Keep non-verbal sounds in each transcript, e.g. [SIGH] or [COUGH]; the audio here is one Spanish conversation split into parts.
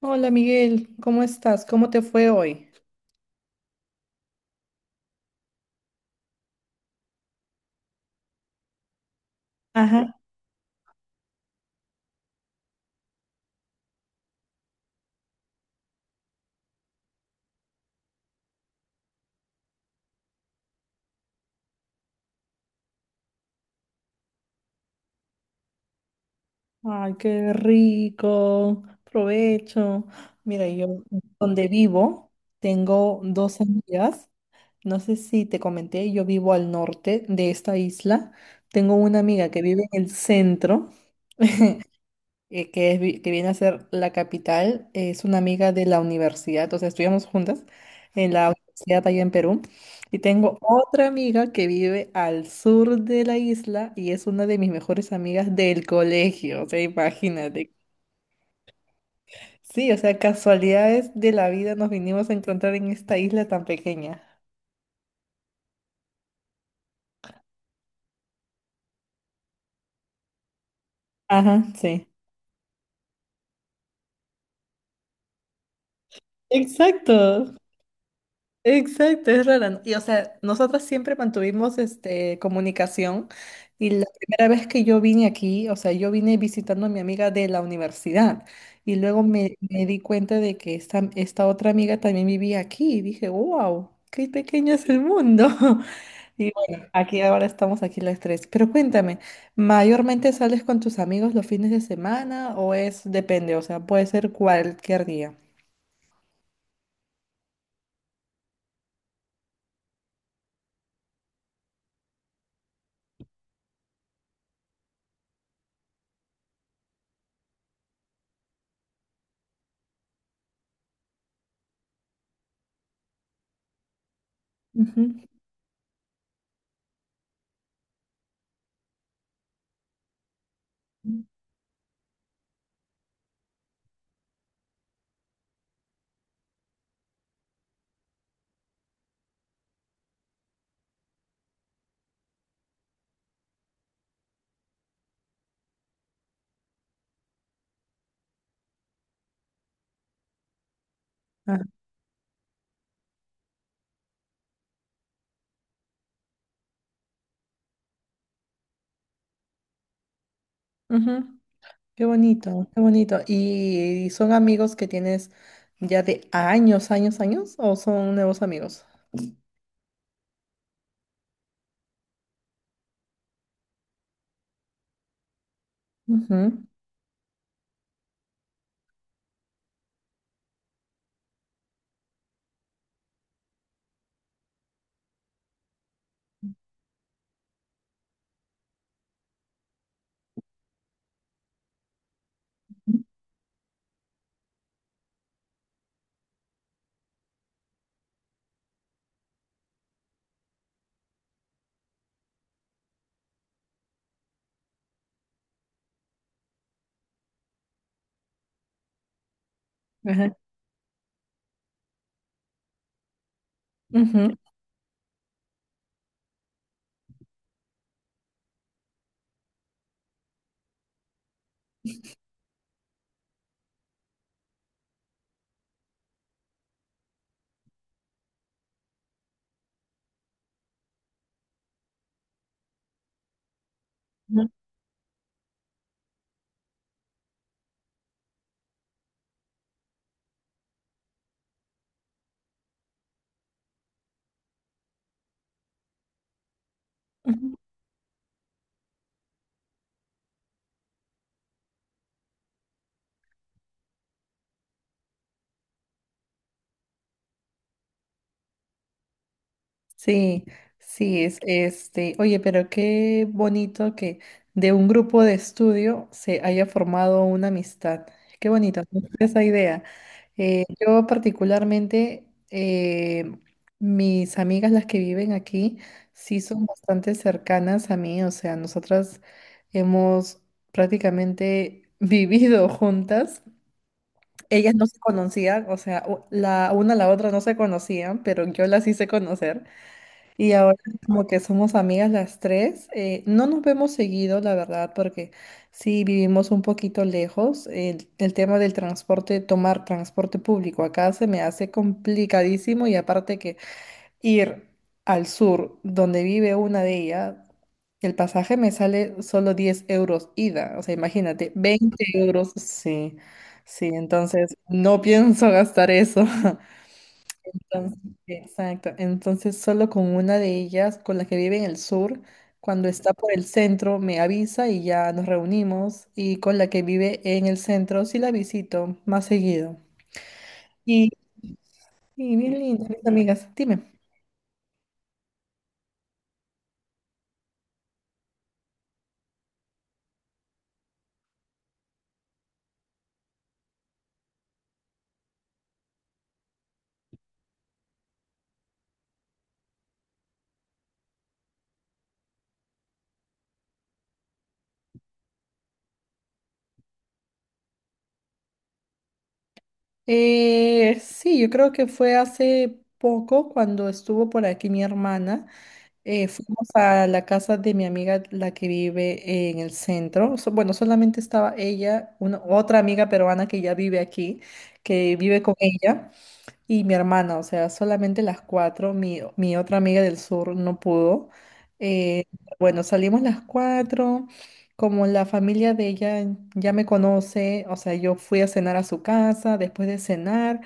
Hola Miguel, ¿cómo estás? ¿Cómo te fue hoy? Ajá. Ay, qué rico. Provecho. Mira, yo donde vivo tengo dos amigas. No sé si te comenté, yo vivo al norte de esta isla. Tengo una amiga que vive en el centro [LAUGHS] que viene a ser la capital, es una amiga de la universidad, o sea, estudiamos juntas en la universidad allá en Perú. Y tengo otra amiga que vive al sur de la isla y es una de mis mejores amigas del colegio, o sea, imagínate. Sí, o sea, casualidades de la vida nos vinimos a encontrar en esta isla tan pequeña. Ajá, sí. Exacto. Exacto, es rara, ¿no? Y o sea, nosotras siempre mantuvimos comunicación y la primera vez que yo vine aquí, o sea, yo vine visitando a mi amiga de la universidad y luego me di cuenta de que esta otra amiga también vivía aquí y dije, wow, qué pequeño es el mundo. [LAUGHS] Y bueno, aquí ahora estamos aquí las tres. Pero cuéntame, ¿mayormente sales con tus amigos los fines de semana o es, depende, o sea, puede ser cualquier día? Ujú. Ah, ujú. Qué bonito, qué bonito. ¿Y son amigos que tienes ya de años, años, años o son nuevos amigos? Ujú, ujú, ujú, ujú, ujú. Sí, sí, es este. Oye, pero qué bonito que de un grupo de estudio se haya formado una amistad. Qué bonito, me gusta esa idea. Yo particularmente, mis amigas, las que viven aquí, sí son bastante cercanas a mí. O sea, nosotras hemos prácticamente [LAUGHS] vivido juntas. Ellas no se conocían, o sea, la una a la otra no se conocían, pero yo las hice conocer. Y ahora como que somos amigas las tres, no nos vemos seguido, la verdad, porque sí vivimos un poquito lejos. El tema del transporte, tomar transporte público acá se me hace complicadísimo y aparte que ir al sur, donde vive una de ellas, el pasaje me sale solo 10 euros ida. O sea, imagínate, 20 euros, sí, sí, entonces no pienso gastar eso. [LAUGHS] Entonces, exacto. Entonces, solo con una de ellas, con la que vive en el sur, cuando está por el centro, me avisa y ya nos reunimos. Y con la que vive en el centro, sí la visito más seguido. Y, y bien linda, mis amigas. Dime. Sí, yo creo que fue hace poco cuando estuvo por aquí mi hermana. Fuimos a la casa de mi amiga, la que vive en el centro. Bueno, solamente estaba ella, una, otra amiga peruana que ya vive aquí, que vive con ella. Y mi hermana, o sea, solamente las cuatro, mi otra amiga del sur no pudo. Eh, bueno, salimos las cuatro, como la familia de ella ya me conoce, o sea, yo fui a cenar a su casa, después de cenar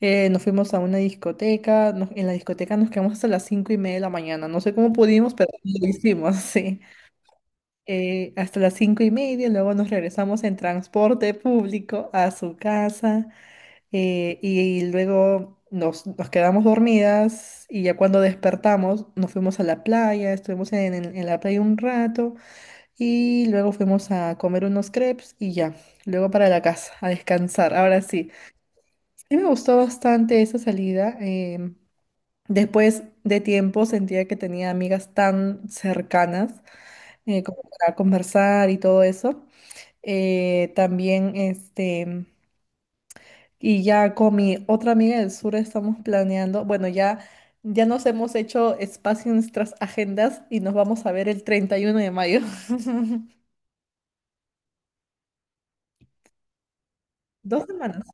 nos fuimos a una discoteca, en la discoteca nos quedamos hasta las 5:30 de la mañana, no sé cómo pudimos, pero lo hicimos, [LAUGHS] sí. Hasta las 5:30, luego nos regresamos en transporte público a su casa. Y luego nos quedamos dormidas y ya cuando despertamos nos fuimos a la playa, estuvimos en la playa un rato y luego fuimos a comer unos crepes y ya, luego para la casa, a descansar. Ahora sí, sí me gustó bastante esa salida. Después de tiempo sentía que tenía amigas tan cercanas como para conversar y todo eso. También. Y ya con mi otra amiga del sur estamos planeando, bueno, ya nos hemos hecho espacio en nuestras agendas y nos vamos a ver el 31 de mayo. [LAUGHS] 2 semanas.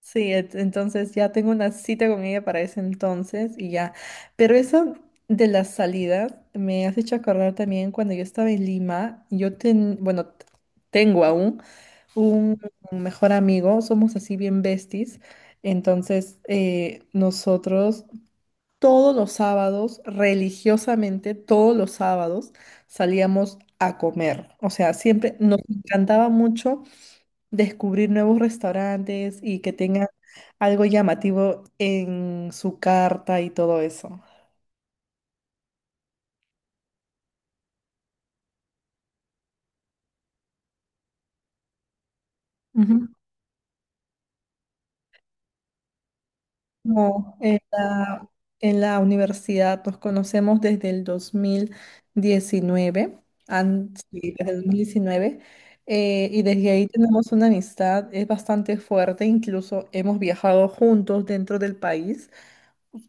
Sí, entonces ya tengo una cita con ella para ese entonces y ya. Pero eso de las salidas me has hecho acordar también cuando yo estaba en Lima, bueno, tengo aún un mejor amigo, somos así bien besties. Entonces, nosotros todos los sábados, religiosamente, todos los sábados salíamos a comer. O sea, siempre nos encantaba mucho descubrir nuevos restaurantes y que tengan algo llamativo en su carta y todo eso. Ujú. No, en la universidad nos conocemos desde el 2019, sí, desde el 2019, y desde ahí tenemos una amistad, es bastante fuerte, incluso hemos viajado juntos dentro del país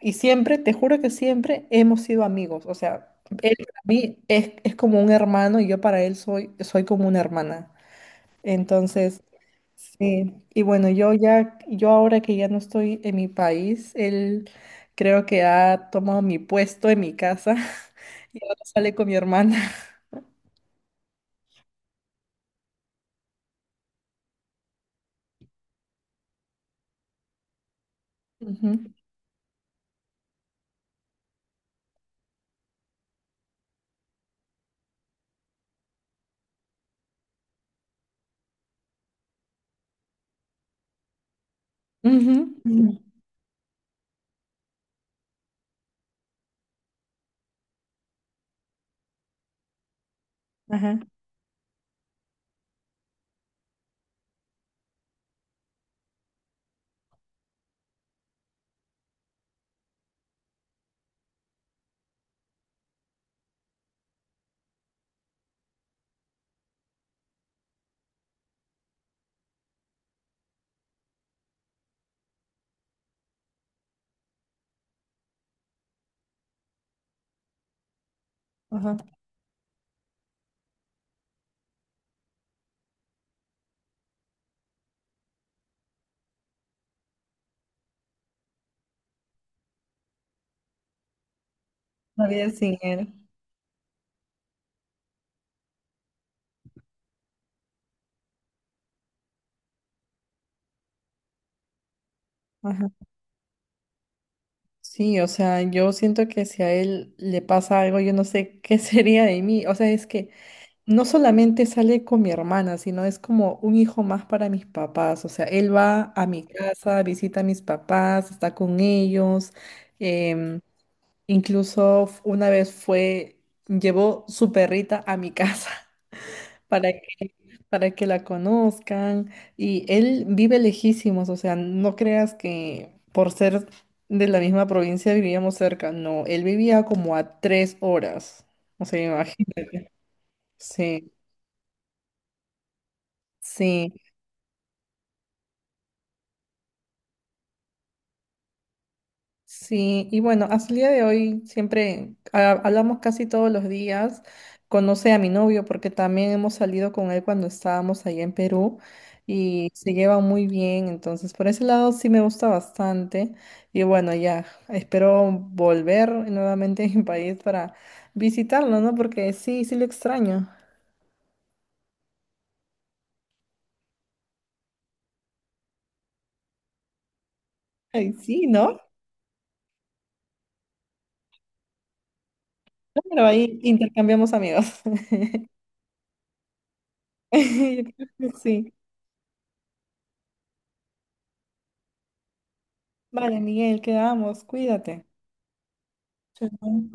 y siempre, te juro que siempre hemos sido amigos, o sea, él para mí es como un hermano y yo para él soy como una hermana. Entonces, sí, y bueno, yo ahora que ya no estoy en mi país, él creo que ha tomado mi puesto en mi casa [LAUGHS] y ahora sale con mi hermana. Ujú, ujú, ujú, ajá, ajá. La vida sin él. Ajá. Sí, o sea, yo siento que si a él le pasa algo, yo no sé qué [LAUGHS] sería de mí. O sea, es que no solamente sale con mi hermana, sino es como un hijo más para mis papás. O sea, él va a mi casa, visita a mis papás, está con ellos. em, incluso una vez fue, llevó su perrita a mi casa [LAUGHS] para que, para que la conozcan. Y él vive lejísimos, o sea, no creas que por ser de la misma provincia vivíamos cerca. No, él vivía como a 3 horas. O sea, imagínate. Sí, sí. Sí, y bueno, hasta el día de hoy siempre hablamos casi todos los días. Conoce a mi novio porque también hemos salido con él cuando estábamos allá en Perú y se lleva muy bien. Entonces, por ese lado sí me gusta bastante. Y bueno, ya espero volver nuevamente a mi país para visitarlo, ¿no? Porque sí, sí lo extraño. Ay, sí, ¿no? No, pero ahí intercambiamos amigos. [LAUGHS] Yo creo que sí. Vale, Miguel, quedamos. Cuídate. Chao.